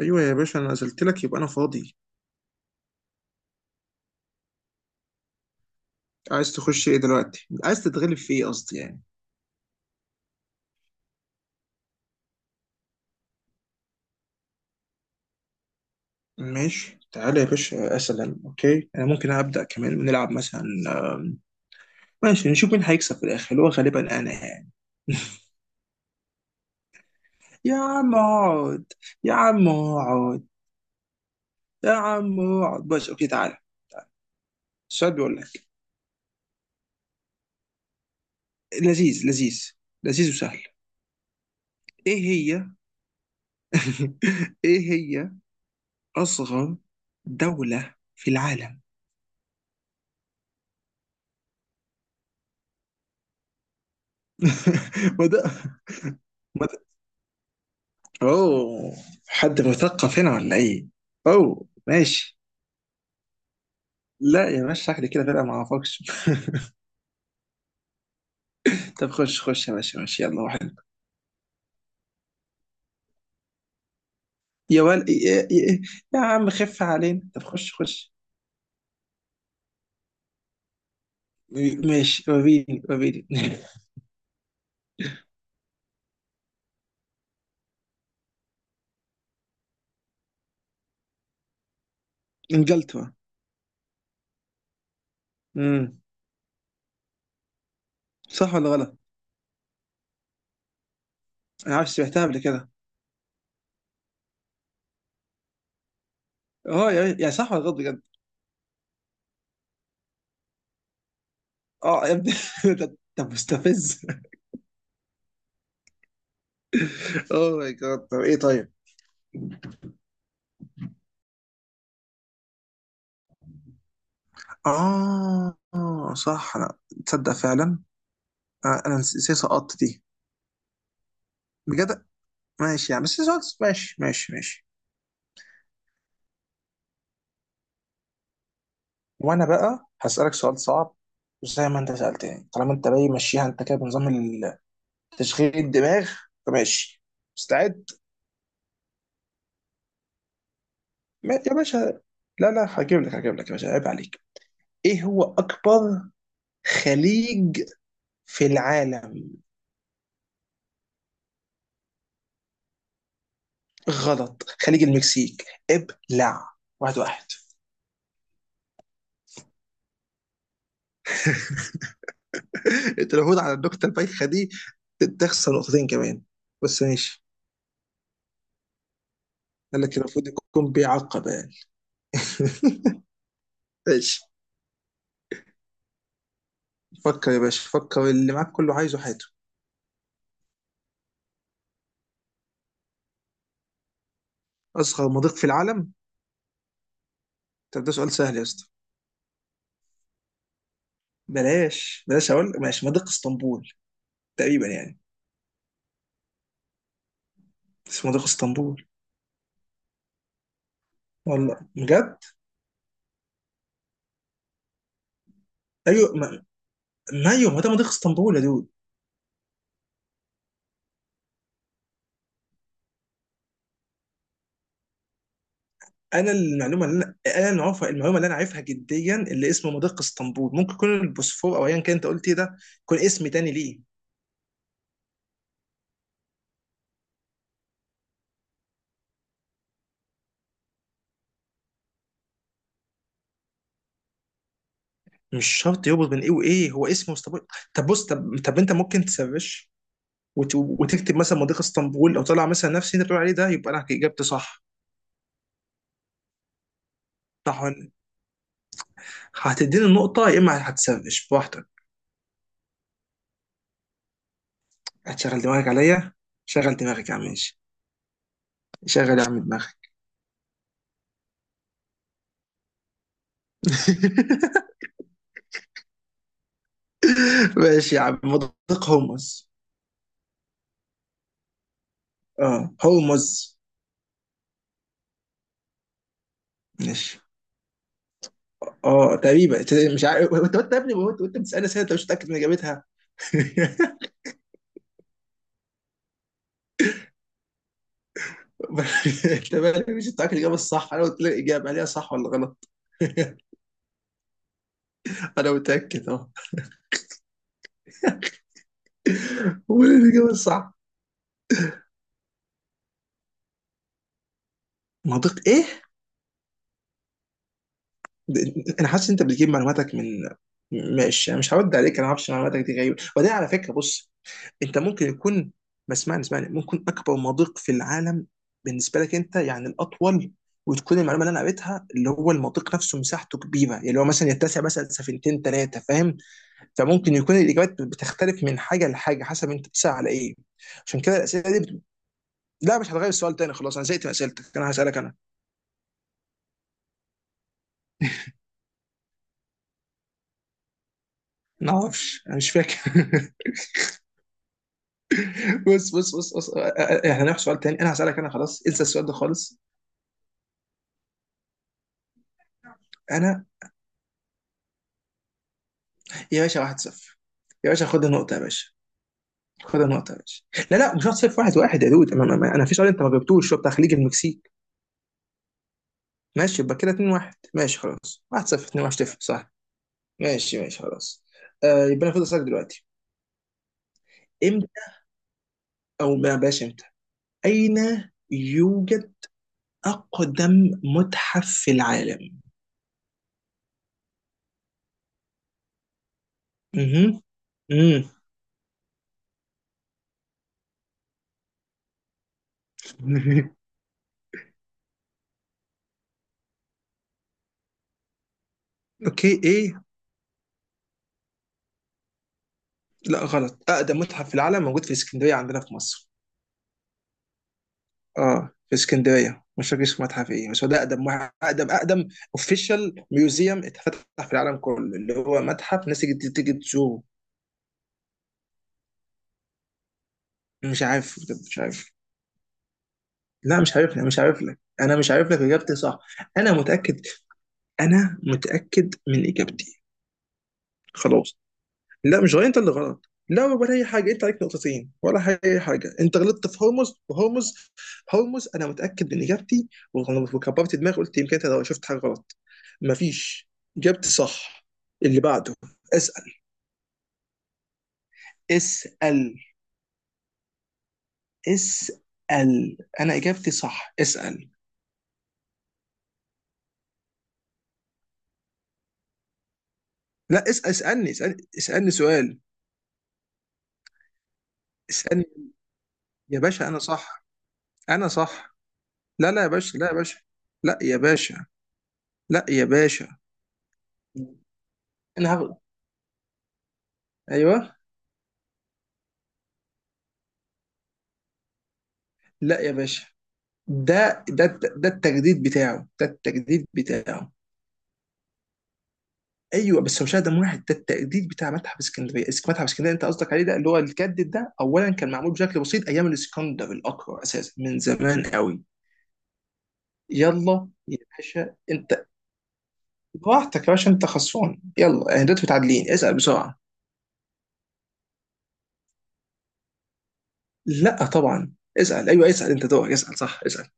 ايوه يا باشا، انا نزلت لك يبقى انا فاضي. عايز تخش ايه دلوقتي؟ عايز تتغلب في ايه قصدي يعني. ماشي تعالى يا باشا، اسلم. اوكي انا ممكن ابدا، كمان نلعب مثلا. آم، ماشي نشوف مين هيكسب في الاخر، اللي هو غالبا انا يعني. يا عم اقعد. يا عم اقعد. يا عم اقعد بس، اوكي تعالى. تعالى. السؤال بيقول لك لذيذ، لذيذ وسهل. ايه هي؟ ايه هي اصغر دولة في العالم؟ ما ده. اوه، حد مثقف هنا ولا ايه؟ اوه ماشي. لا يا باشا، شكلي كده فرقة ما اعرفكش. طب خش خش يا باشا، ماشي يلا واحد. يا ول يا, يا, يا عم خف علينا، طب خش خش. ماشي وريني وريني. انجلترا. امم صح ولا غلط؟ انا عارف، سمعتها قبل كده. اه يا صح ولا غلط بجد؟ اه يا ابني. ده مستفز. اوه ماي جاد، طب ايه طيب؟ اه صح انا. تصدق فعلا، انا نسيت سقطت دي بجد. ماشي يعني، بس سؤال ماشي. وانا بقى هسألك سؤال صعب زي ما انت سألتني، طالما انت باي ماشيها انت كده بنظام ال- تشغيل الدماغ. فماشي، مستعد. يا باشا، لا لا هجيب لك، هجيب لك يا باشا، عيب عليك. ايه هو اكبر خليج في العالم؟ غلط، خليج المكسيك. ابلع، واحد واحد. انت المفروض على النكته البايخه دي تخسر نقطتين كمان، بس ماشي. قال لك المفروض يكون بيعقب يعني. ماشي. فكر يا باشا، فكر، اللي معاك كله عايزه حياته. اصغر مضيق في العالم؟ طب ده سؤال سهل يا اسطى. بلاش بلاش اقول، ماشي، مضيق اسطنبول تقريبا يعني. اسمه مضيق اسطنبول، والله بجد. ايوه ما ايوه ما ده مضيق اسطنبول يا دود. انا المعلومه اللي انا اللي عارفها، المعلومه اللي انا عارفها جديا اللي اسمه مضيق اسطنبول، ممكن يكون البوسفور او ايا كان انت قلت ايه ده، يكون اسم تاني ليه. مش شرط يربط بين ايه وايه، هو اسمه اسطنبول. طب بص طب طب انت ممكن تسرش وتكتب مثلا مضيق اسطنبول، او طلع مثلا نفس اللي انت بتقول عليه ده، يبقى انا اجابتي صح. صح ولا لأ؟ هتديني النقطه يا اما هتسرش براحتك. هتشغل دماغك عليا. شغل دماغك يا عم، ماشي. شغل يا عم دماغك. ماشي يا عم، مضيق هومس. اه هومس. ماشي. اه تقريبا، مش عارف. وانت يا ابني، وانت بتسالني اسئله انت مش متاكد من اجابتها. انت مالك مش متاكد الاجابه الصح؟ انا قلت لك الاجابه، هل هي صح ولا غلط. انا متاكد اه. هو الاجابه الصح. منطق ايه؟ انا حاسس ان انت بتجيب معلوماتك من... ماشي انا مش هرد عليك، انا ما اعرفش، معلوماتك دي غريبه. وبعدين على فكره، بص، انت ممكن يكون... ما اسمعني اسمعني، ممكن اكبر مضيق في العالم بالنسبه لك انت يعني الاطول، وتكون المعلومه اللي انا قريتها اللي هو المضيق نفسه مساحته كبيره، يعني هو مثلا يتسع مثلا سفينتين ثلاثه، فاهم؟ فممكن يكون الاجابات بتختلف من حاجه لحاجه، حسب انت بتسال على ايه. عشان كده الاسئله دي بت... لا مش هتغير السؤال تاني، خلاص انا زهقت من اسئلتك، انا هسالك انا. ما اعرفش انا مش فاكر. بص، احنا هنروح سؤال تاني، انا هسألك انا، خلاص انسى السؤال ده خالص. انا يا باشا 1-0، يا باشا خد النقطة يا باشا، خد النقطة يا باشا. لا لا مش 1-0، واحد واحد يا دود، انا انا في سؤال انت ما جبتوش، هو بتاع خليج المكسيك. ماشي يبقى كده 2-1، ماشي خلاص، 1-0 2 1 تفرق، صح. ماشي ماشي خلاص. آه يبقى انا فاضل اسألك دلوقتي. امتى، او ما بلاش امتى، اين يوجد اقدم متحف في العالم؟ اها. امم اوكي ايه؟ لا غلط، اقدم متحف في العالم موجود في اسكندريه عندنا في مصر. اه في اسكندريه، مش فاكر اسمه متحف ايه، بس هو ده اقدم اقدم اوفيشال ميوزيوم اتفتح في العالم كله، اللي هو متحف ناس تيجي تزوره. مش عارف بجد، مش عارف. لا مش عارف لك، مش عارف لك انا مش عارف لك اجابتي صح. انا متاكد، انا متاكد من اجابتي. خلاص. لا مش غلط، انت اللي غلط، لا ولا اي حاجه، انت عليك نقطتين ولا اي حاجه، انت غلطت في هرمز. هرمز انا متاكد من اجابتي. وكبرت دماغي قلت يمكن انت لو شفت حاجه غلط، مفيش، جبت صح. اللي بعده اسال. اسال. اسال، انا اجابتي صح، اسال. لا اسال، اسألني سؤال. اسالني يا باشا، انا صح. انا صح. لا لا يا باشا، لا يا باشا، لا يا باشا، لا يا باشا. انا هغ... ايوه. لا يا باشا، ده ده التجديد بتاعه، ده التجديد بتاعه. ايوه بس هو مش اقدم واحد، ده التجديد بتاع متحف اسكندريه. متحف اسكندريه انت قصدك عليه، ده اللي هو الجدد ده. اولا كان معمول بشكل بسيط ايام الاسكندر الاكبر اساسا، من زمان قوي. يلا يا باشا انت، براحتك يا باشا، انت خسران، يلا اهدت متعادلين، اسال بسرعه. لا طبعا اسال، ايوه اسال، انت دورك اسال، صح اسال.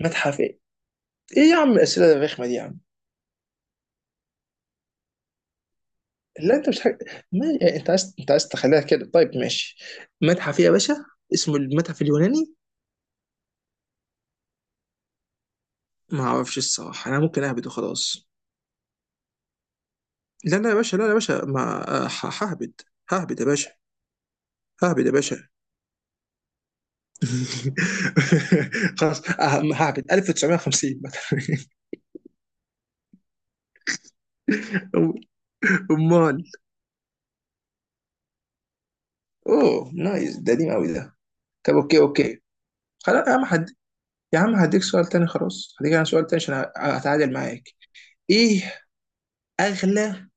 متحف ايه؟ ايه يا عم الاسئله الرخمه دي يا عم؟ لا انت مش حاجة. ما يعني انت عايز، انت عايز تخليها كده، طيب ماشي. متحف ايه يا باشا، اسمه المتحف اليوناني؟ ما اعرفش الصراحه، انا ممكن اهبد وخلاص. لا لا يا باشا، لا لا يا باشا، ما ههبد. ههبد يا باشا. ههبد يا باشا. خلاص ههبد 1950. امال. اوه نايس، ده قديم قوي ده. طب اوكي اوكي. خلاص يا عم حد. يا عم هديك سؤال تاني، خلاص هديك انا سؤال تاني عشان اتعادل معاك. ايه اغلى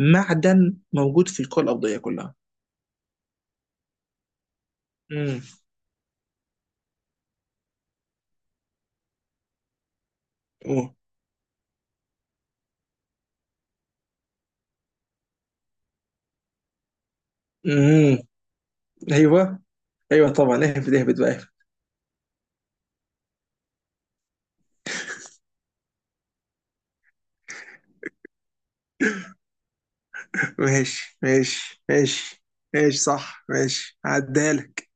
معدن موجود في الكره الارضيه كلها؟ امم أوه. امم ايوه. ايوه طبعا، اهبد، اهبد بقى اهبد. ماشي. ماشي صح، ماشي عدالك.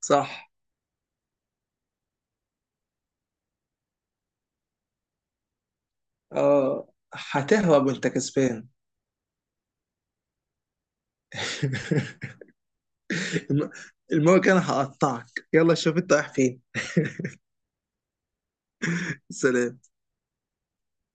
صح. اه هتهرب وانت كسبان. الم- المره الجايه انا هقطعك، يلا شوف انت رايح فين. سلام.